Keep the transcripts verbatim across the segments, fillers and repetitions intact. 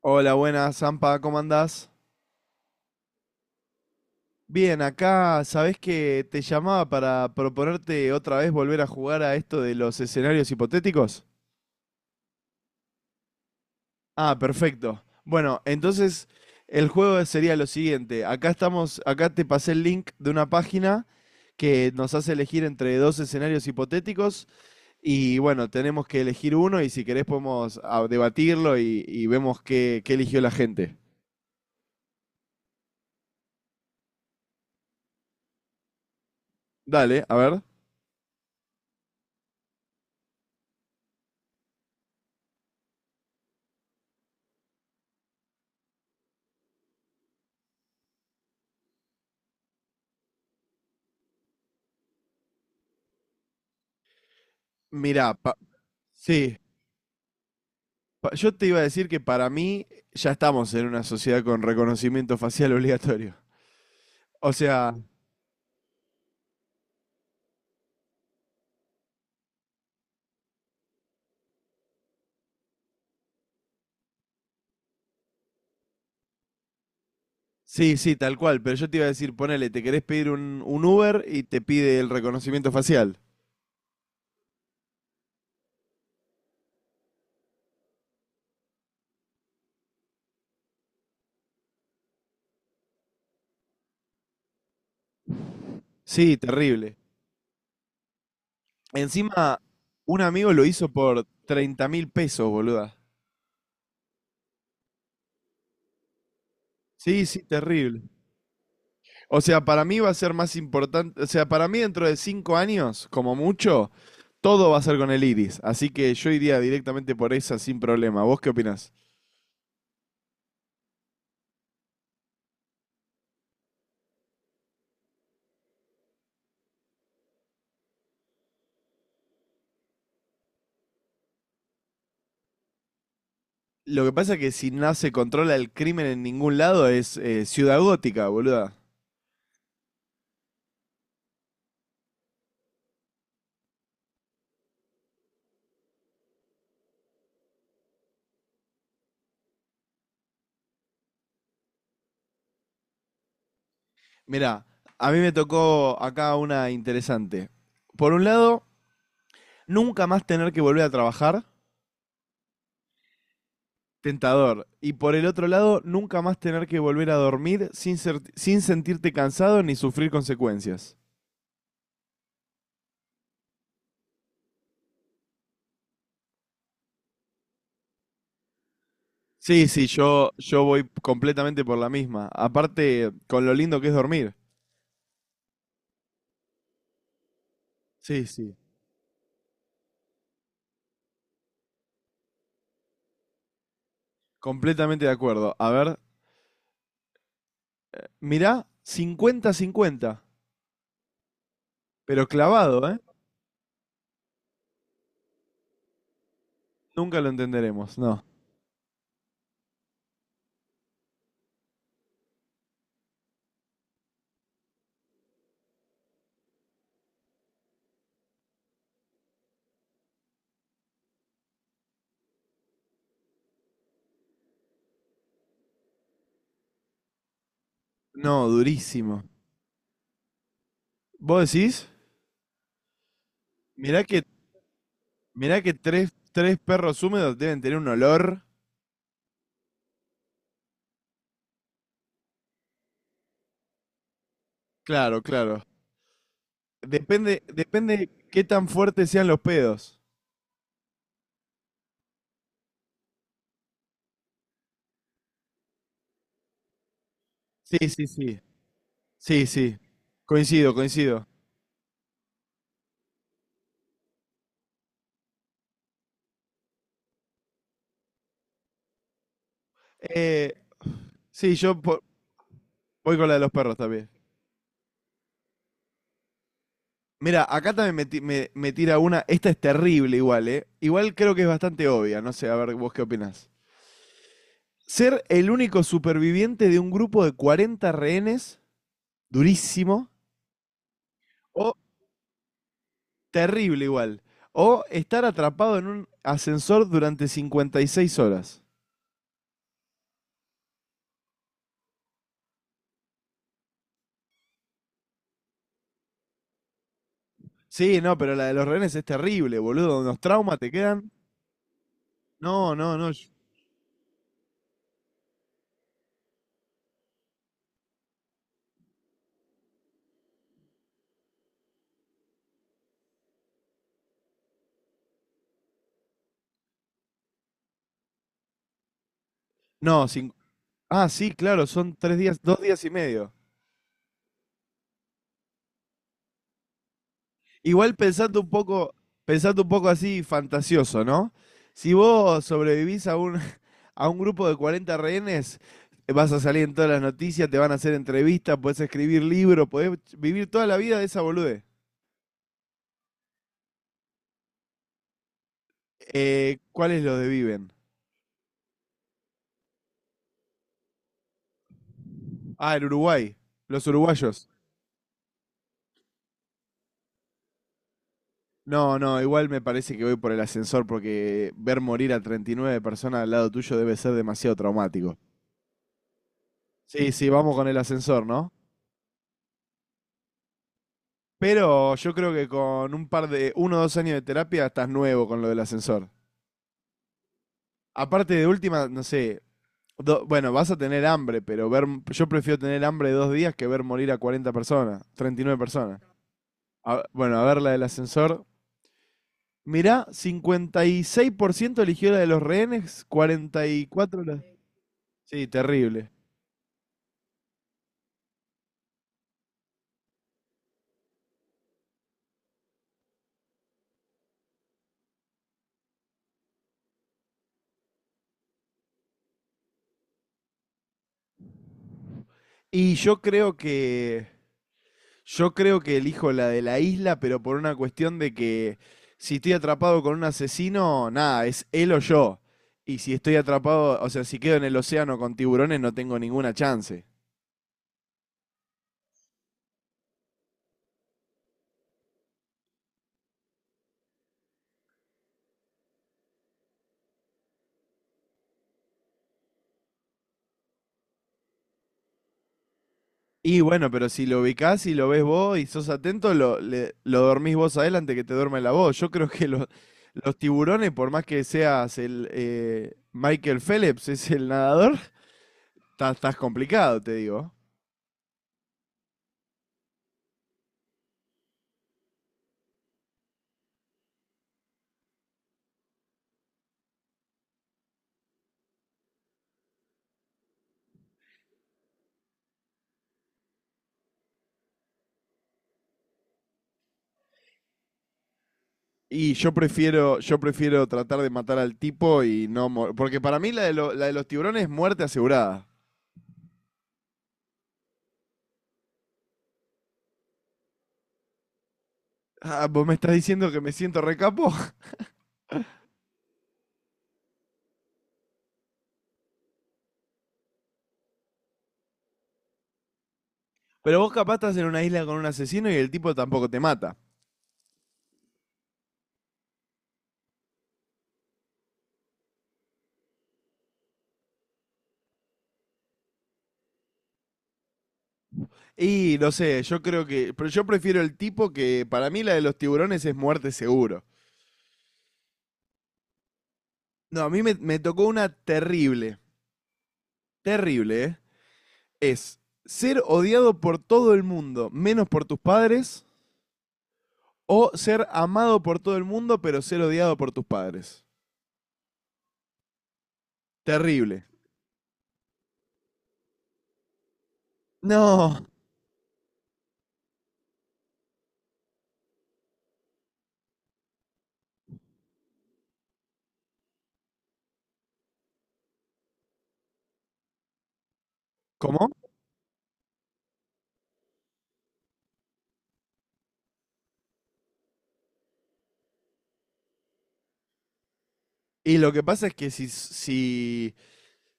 Hola, buenas, Zampa, ¿cómo andás? Bien, acá sabés que te llamaba para proponerte otra vez volver a jugar a esto de los escenarios hipotéticos. Ah, perfecto. Bueno, entonces el juego sería lo siguiente. Acá estamos, acá te pasé el link de una página que nos hace elegir entre dos escenarios hipotéticos y bueno, tenemos que elegir uno y si querés podemos ah, debatirlo y, y vemos qué, qué eligió la gente. Dale, a ver. Mira, pa- sí. Pa- Yo te iba a decir que para mí ya estamos en una sociedad con reconocimiento facial obligatorio. O sea, sí, sí, tal cual, pero yo te iba a decir, ponele, te querés pedir un, un Uber y te pide el reconocimiento facial. Sí, terrible. Encima, un amigo lo hizo por treinta mil pesos, boluda. Sí, sí, terrible. O sea, para mí va a ser más importante, o sea, para mí dentro de cinco años, como mucho, todo va a ser con el iris. Así que yo iría directamente por esa sin problema. ¿Vos qué opinás? Lo que pasa es que si no se controla el crimen en ningún lado es eh, ciudad gótica, boluda. Mirá, a mí me tocó acá una interesante. Por un lado, nunca más tener que volver a trabajar, tentador. Y por el otro lado, nunca más tener que volver a dormir sin, ser- sin sentirte cansado ni sufrir consecuencias. Sí, sí, yo, yo voy completamente por la misma. Aparte, con lo lindo que es dormir. Sí, sí. Completamente de acuerdo. A ver, mirá, cincuenta-cincuenta. Pero clavado, ¿eh? Nunca lo entenderemos, no. No, durísimo. ¿Vos decís? Mirá que, mirá que tres, tres perros húmedos deben tener un olor. Claro, claro. Depende, depende qué tan fuertes sean los pedos. Sí, sí, sí. Sí, sí. Coincido, coincido. Eh, sí, yo po- voy con la de los perros también. Mira, acá también me, ti- me- me tira una. Esta es terrible igual, ¿eh? Igual creo que es bastante obvia. No sé, a ver, vos qué opinás. Ser el único superviviente de un grupo de cuarenta rehenes, durísimo, o terrible igual. O estar atrapado en un ascensor durante cincuenta y seis horas. Sí, no, pero la de los rehenes es terrible, boludo. Unos traumas te quedan. No, no, no. yo- No, cin- ah, sí, claro, son tres días, dos días y medio. Igual pensando un poco, pensando un poco así fantasioso, ¿no? Si vos sobrevivís a un, a un grupo de cuarenta rehenes, vas a salir en todas las noticias, te van a hacer entrevistas, podés escribir libros, podés vivir toda la vida de esa bolude. Eh, ¿Cuáles los de viven? Ah, el Uruguay, los uruguayos. No, no, igual me parece que voy por el ascensor porque ver morir a treinta y nueve personas al lado tuyo debe ser demasiado traumático. Sí, sí, vamos con el ascensor, ¿no? Pero yo creo que con un par de, uno o dos años de terapia estás nuevo con lo del ascensor. Aparte de última, no sé, do- bueno, vas a tener hambre, pero ver, yo prefiero tener hambre dos días que ver morir a cuarenta personas, treinta y nueve personas. A- bueno, a ver la del ascensor. Mirá, cincuenta y seis por ciento eligió la de los rehenes, cuarenta y cuatro la... Sí, terrible. Y yo creo que... Yo creo que elijo la de la isla, pero por una cuestión de que si estoy atrapado con un asesino, nada, es él o yo. Y si estoy atrapado, o sea, si quedo en el océano con tiburones, no tengo ninguna chance. Y bueno, pero si lo ubicás y lo ves vos y sos atento, lo, le- lo dormís vos a él antes que te duerme la voz. Yo creo que los, los tiburones, por más que seas el eh, Michael Phelps, es el nadador, ta- estás complicado, te digo. Y yo prefiero, yo prefiero tratar de matar al tipo y no. mor- Porque para mí la de, lo- la de los tiburones es muerte asegurada. Ah, vos me estás diciendo que me siento recapo. Pero vos capaz estás en una isla con un asesino y el tipo tampoco te mata. Y no sé, yo creo que. Pero yo prefiero el tipo que. Para mí, la de los tiburones es muerte seguro. No, a mí me, me tocó una terrible. Terrible, ¿eh? Es ser odiado por todo el mundo, menos por tus padres. O ser amado por todo el mundo, pero ser odiado por tus padres. Terrible. No. ¿Cómo? Y lo que pasa es que si, si,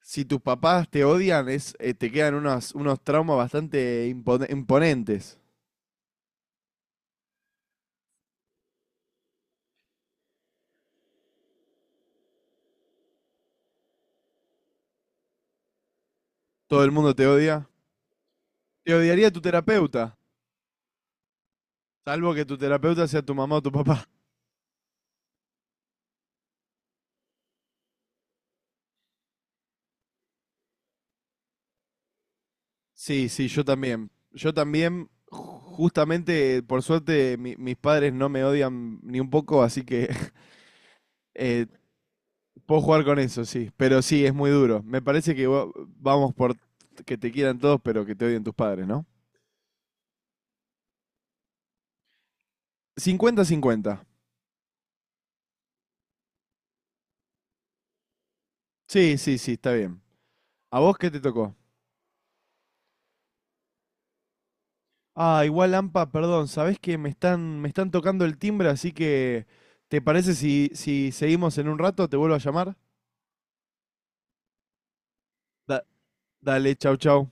si tus papás te odian, es, eh, te quedan unos, unos traumas bastante impone- imponentes. Todo el mundo te odia. Te odiaría tu terapeuta, salvo que tu terapeuta sea tu mamá o tu papá. Sí, sí, yo también. Yo también, justamente, por suerte, mi- mis padres no me odian ni un poco, así que eh, puedo jugar con eso, sí. Pero sí, es muy duro. Me parece que va- vamos por que te quieran todos, pero que te odien tus padres, no. Cincuenta, Cincuenta-cincuenta. Sí, sí, sí, está bien. ¿A vos qué te tocó? Ah, igual Ampa, perdón, sabés que me están, me están tocando el timbre, así que ¿te parece si, si seguimos en un rato? ¿Te vuelvo a llamar? Da- Dale, chau, chau.